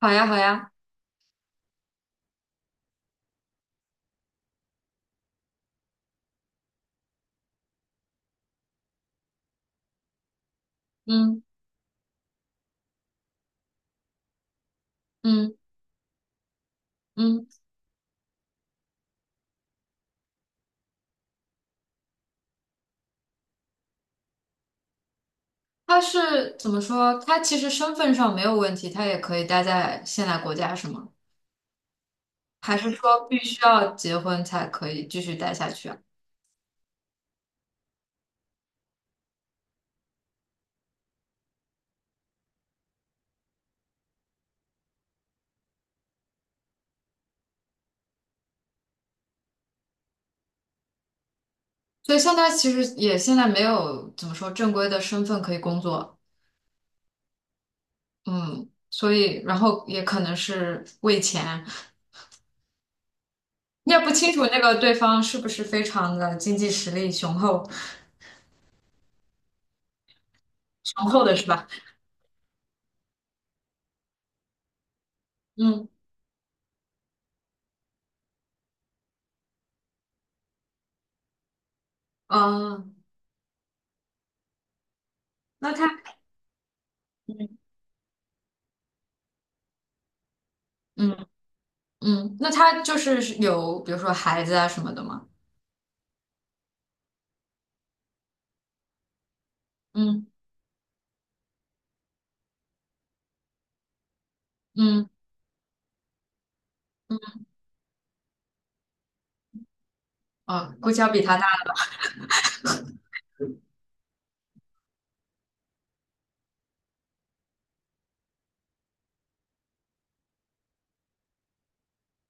好呀，好呀，嗯嗯嗯，他是怎么说？他其实身份上没有问题，他也可以待在现在国家，是吗？还是说必须要结婚才可以继续待下去啊？所以像他其实也现在没有怎么说正规的身份可以工作，嗯，所以然后也可能是为钱，你也不清楚那个对方是不是非常的经济实力雄厚，雄厚的是吧？嗯，哦，那他，嗯嗯。嗯，那他就是有比如说孩子啊什么的吗？嗯嗯嗯，哦，估计要比他大。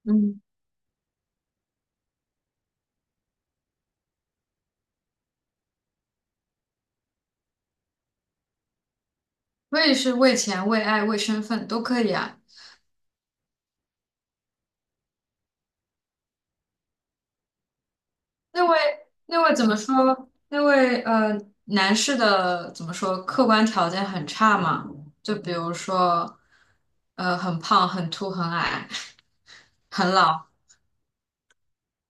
嗯，为是为钱、为爱、为身份都可以啊。那位那位怎么说？那位男士的怎么说？客观条件很差嘛？就比如说很胖、很秃、很矮、很老，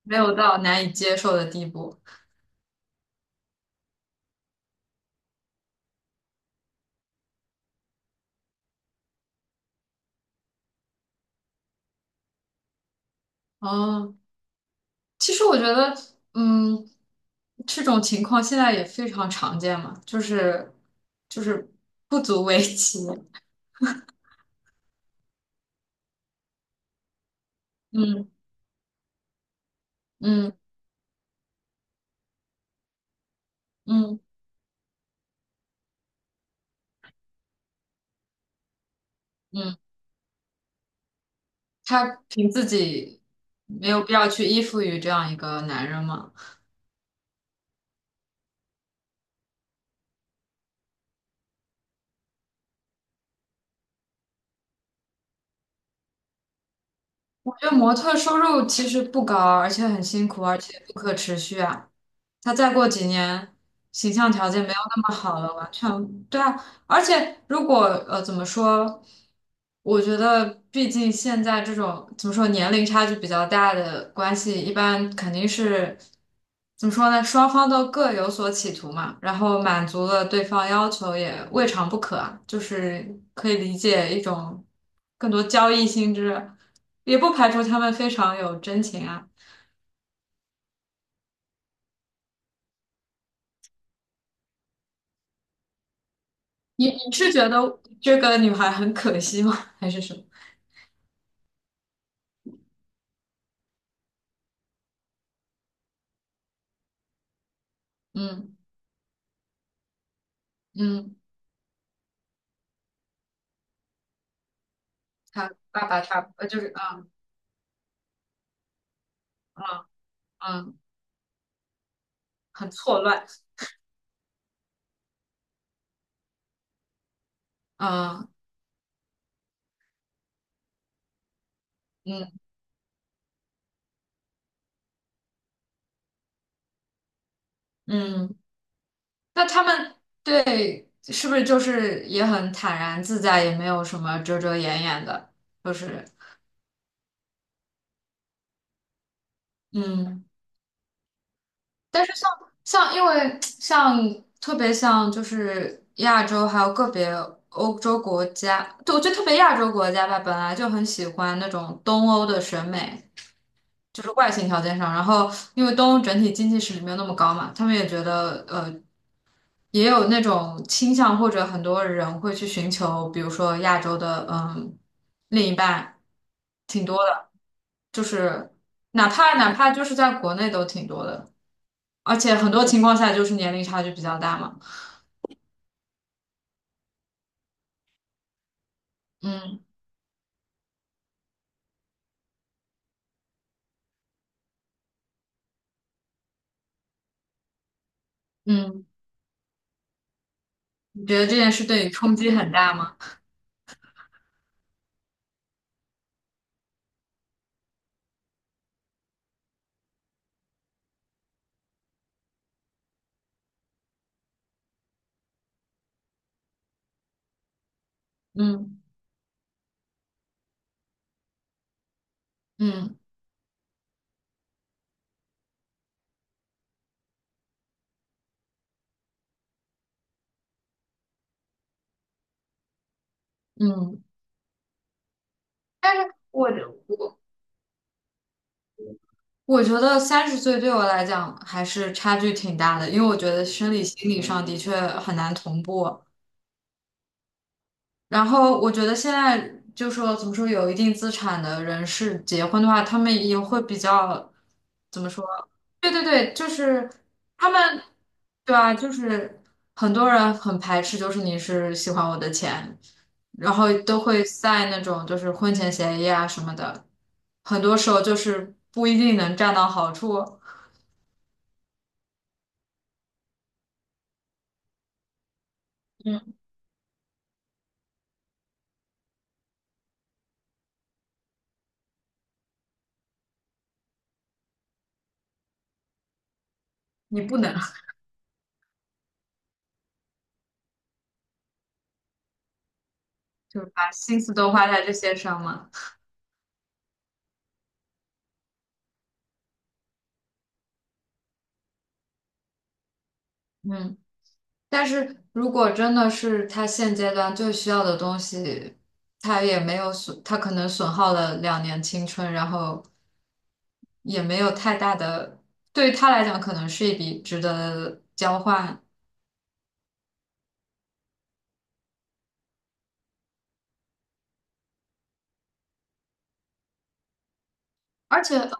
没有到难以接受的地步。哦。其实我觉得，嗯，这种情况现在也非常常见嘛，就是不足为奇。嗯嗯嗯嗯，他凭自己没有必要去依附于这样一个男人嘛。我觉得模特收入其实不高，而且很辛苦，而且不可持续啊。他再过几年，形象条件没有那么好了，完全对啊。而且如果怎么说，我觉得毕竟现在这种怎么说年龄差距比较大的关系，一般肯定是怎么说呢？双方都各有所企图嘛，然后满足了对方要求也未尝不可啊，就是可以理解一种更多交易性质。也不排除他们非常有真情啊。你是觉得这个女孩很可惜吗？还是什么？嗯嗯，她爸爸差不呃就是嗯嗯嗯，很错乱。嗯嗯嗯，那他们对是不是就是也很坦然自在，也没有什么遮遮掩掩的，就是嗯。但是像因为像特别像就是亚洲还有个别欧洲国家，对，我觉得特别亚洲国家吧，本来就很喜欢那种东欧的审美，就是外形条件上。然后因为东欧整体经济实力没有那么高嘛，他们也觉得也有那种倾向，或者很多人会去寻求，比如说亚洲的另一半，挺多的，就是哪怕就是在国内都挺多的。而且很多情况下就是年龄差距比较大嘛。嗯嗯，你觉得这件事对你冲击很大吗？嗯嗯嗯，但是我我觉得30岁对我来讲还是差距挺大的，因为我觉得生理心理上的确很难同步。然后我觉得现在就说怎么说，有一定资产的人士结婚的话，他们也会比较怎么说？对对对，就是他们，对啊，就是很多人很排斥，就是你是喜欢我的钱，然后都会 那种就是婚前协议啊什么的，很多时候就是不一定能占到好处，嗯，你不能 就是把心思都花在这些上嘛，嗯。但是如果真的是他现阶段最需要的东西，他也没有损，他可能损耗了2年青春，然后也没有太大的，对于他来讲可能是一笔值得交换。而且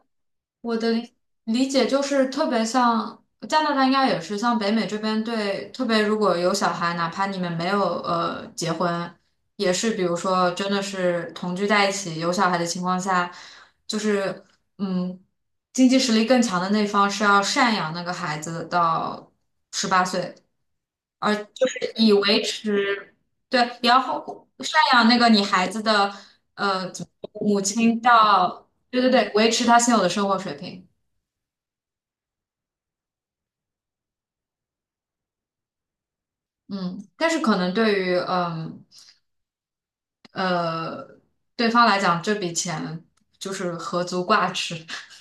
我的理解就是特别像加拿大，应该也是像北美这边对，特别如果有小孩，哪怕你们没有结婚，也是比如说真的是同居在一起有小孩的情况下，就是嗯，经济实力更强的那方是要赡养那个孩子到18岁，而就是以维持对，然后赡养那个你孩子的怎么说母亲到对对对维持他现有的生活水平。嗯，但是可能对于呃对方来讲，这笔钱就是何足挂齿。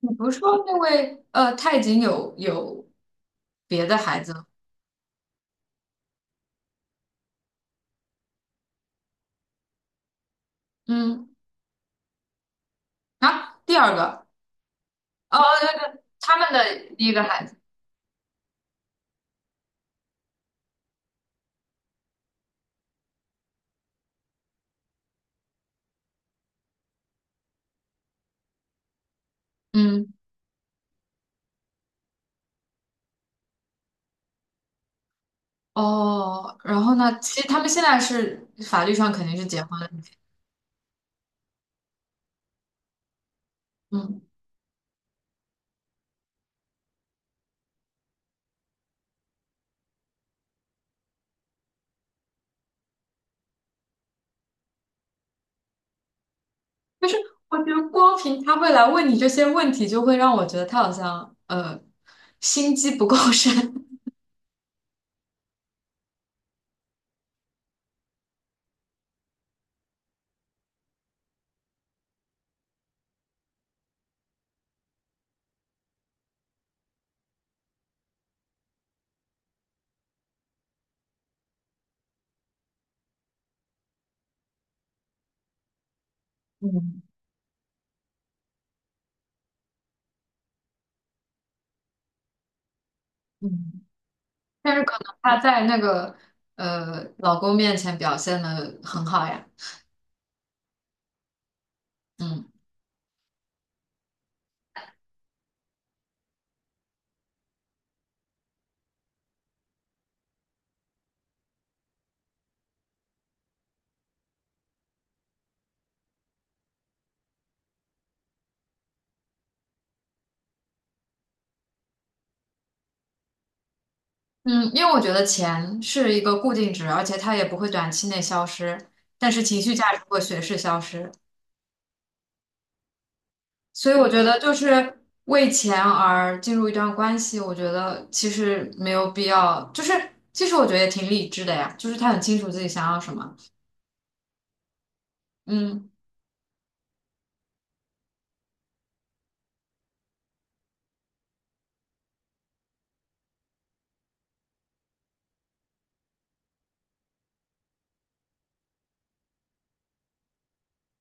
你不是说那位他已经有别的孩子了？嗯啊，第二个哦，对对，他们的第一个孩子，嗯哦，然后呢，其实他们现在是法律上肯定是结婚了，嗯，但是我觉得光凭他会来问你这些问题，就会让我觉得他好像心机不够深，嗯嗯。但是可能他在那个老公面前表现的很好呀，嗯嗯，因为我觉得钱是一个固定值，而且它也不会短期内消失，但是情绪价值会随时消失，所以我觉得就是为钱而进入一段关系，我觉得其实没有必要，就是其实我觉得也挺理智的呀，就是他很清楚自己想要什么，嗯，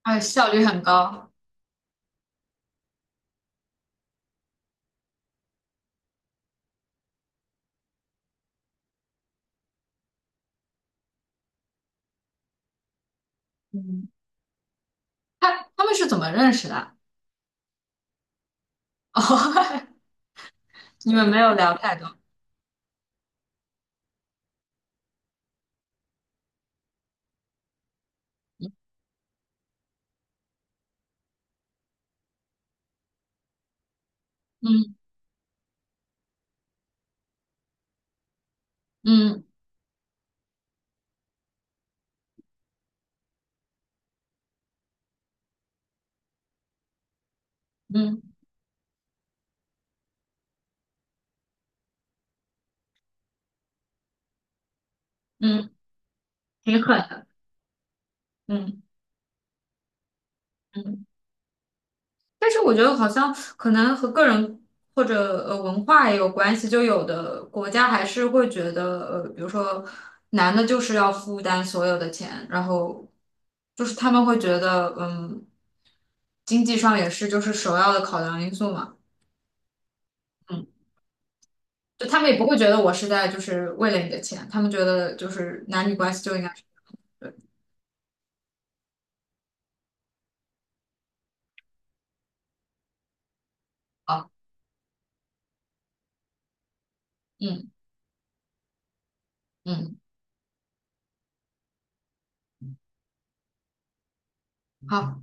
而且效率很高，嗯，他们是怎么认识的？哦，你们没有聊太多。嗯。嗯嗯嗯，挺狠的，嗯嗯。但是我觉得好像可能和个人或者文化也有关系，就有的国家还是会觉得，比如说男的就是要负担所有的钱，然后就是他们会觉得经济上也是就是首要的考量因素嘛，嗯，就他们也不会觉得我是在就是为了你的钱，他们觉得就是男女关系就应该是好，嗯嗯，好。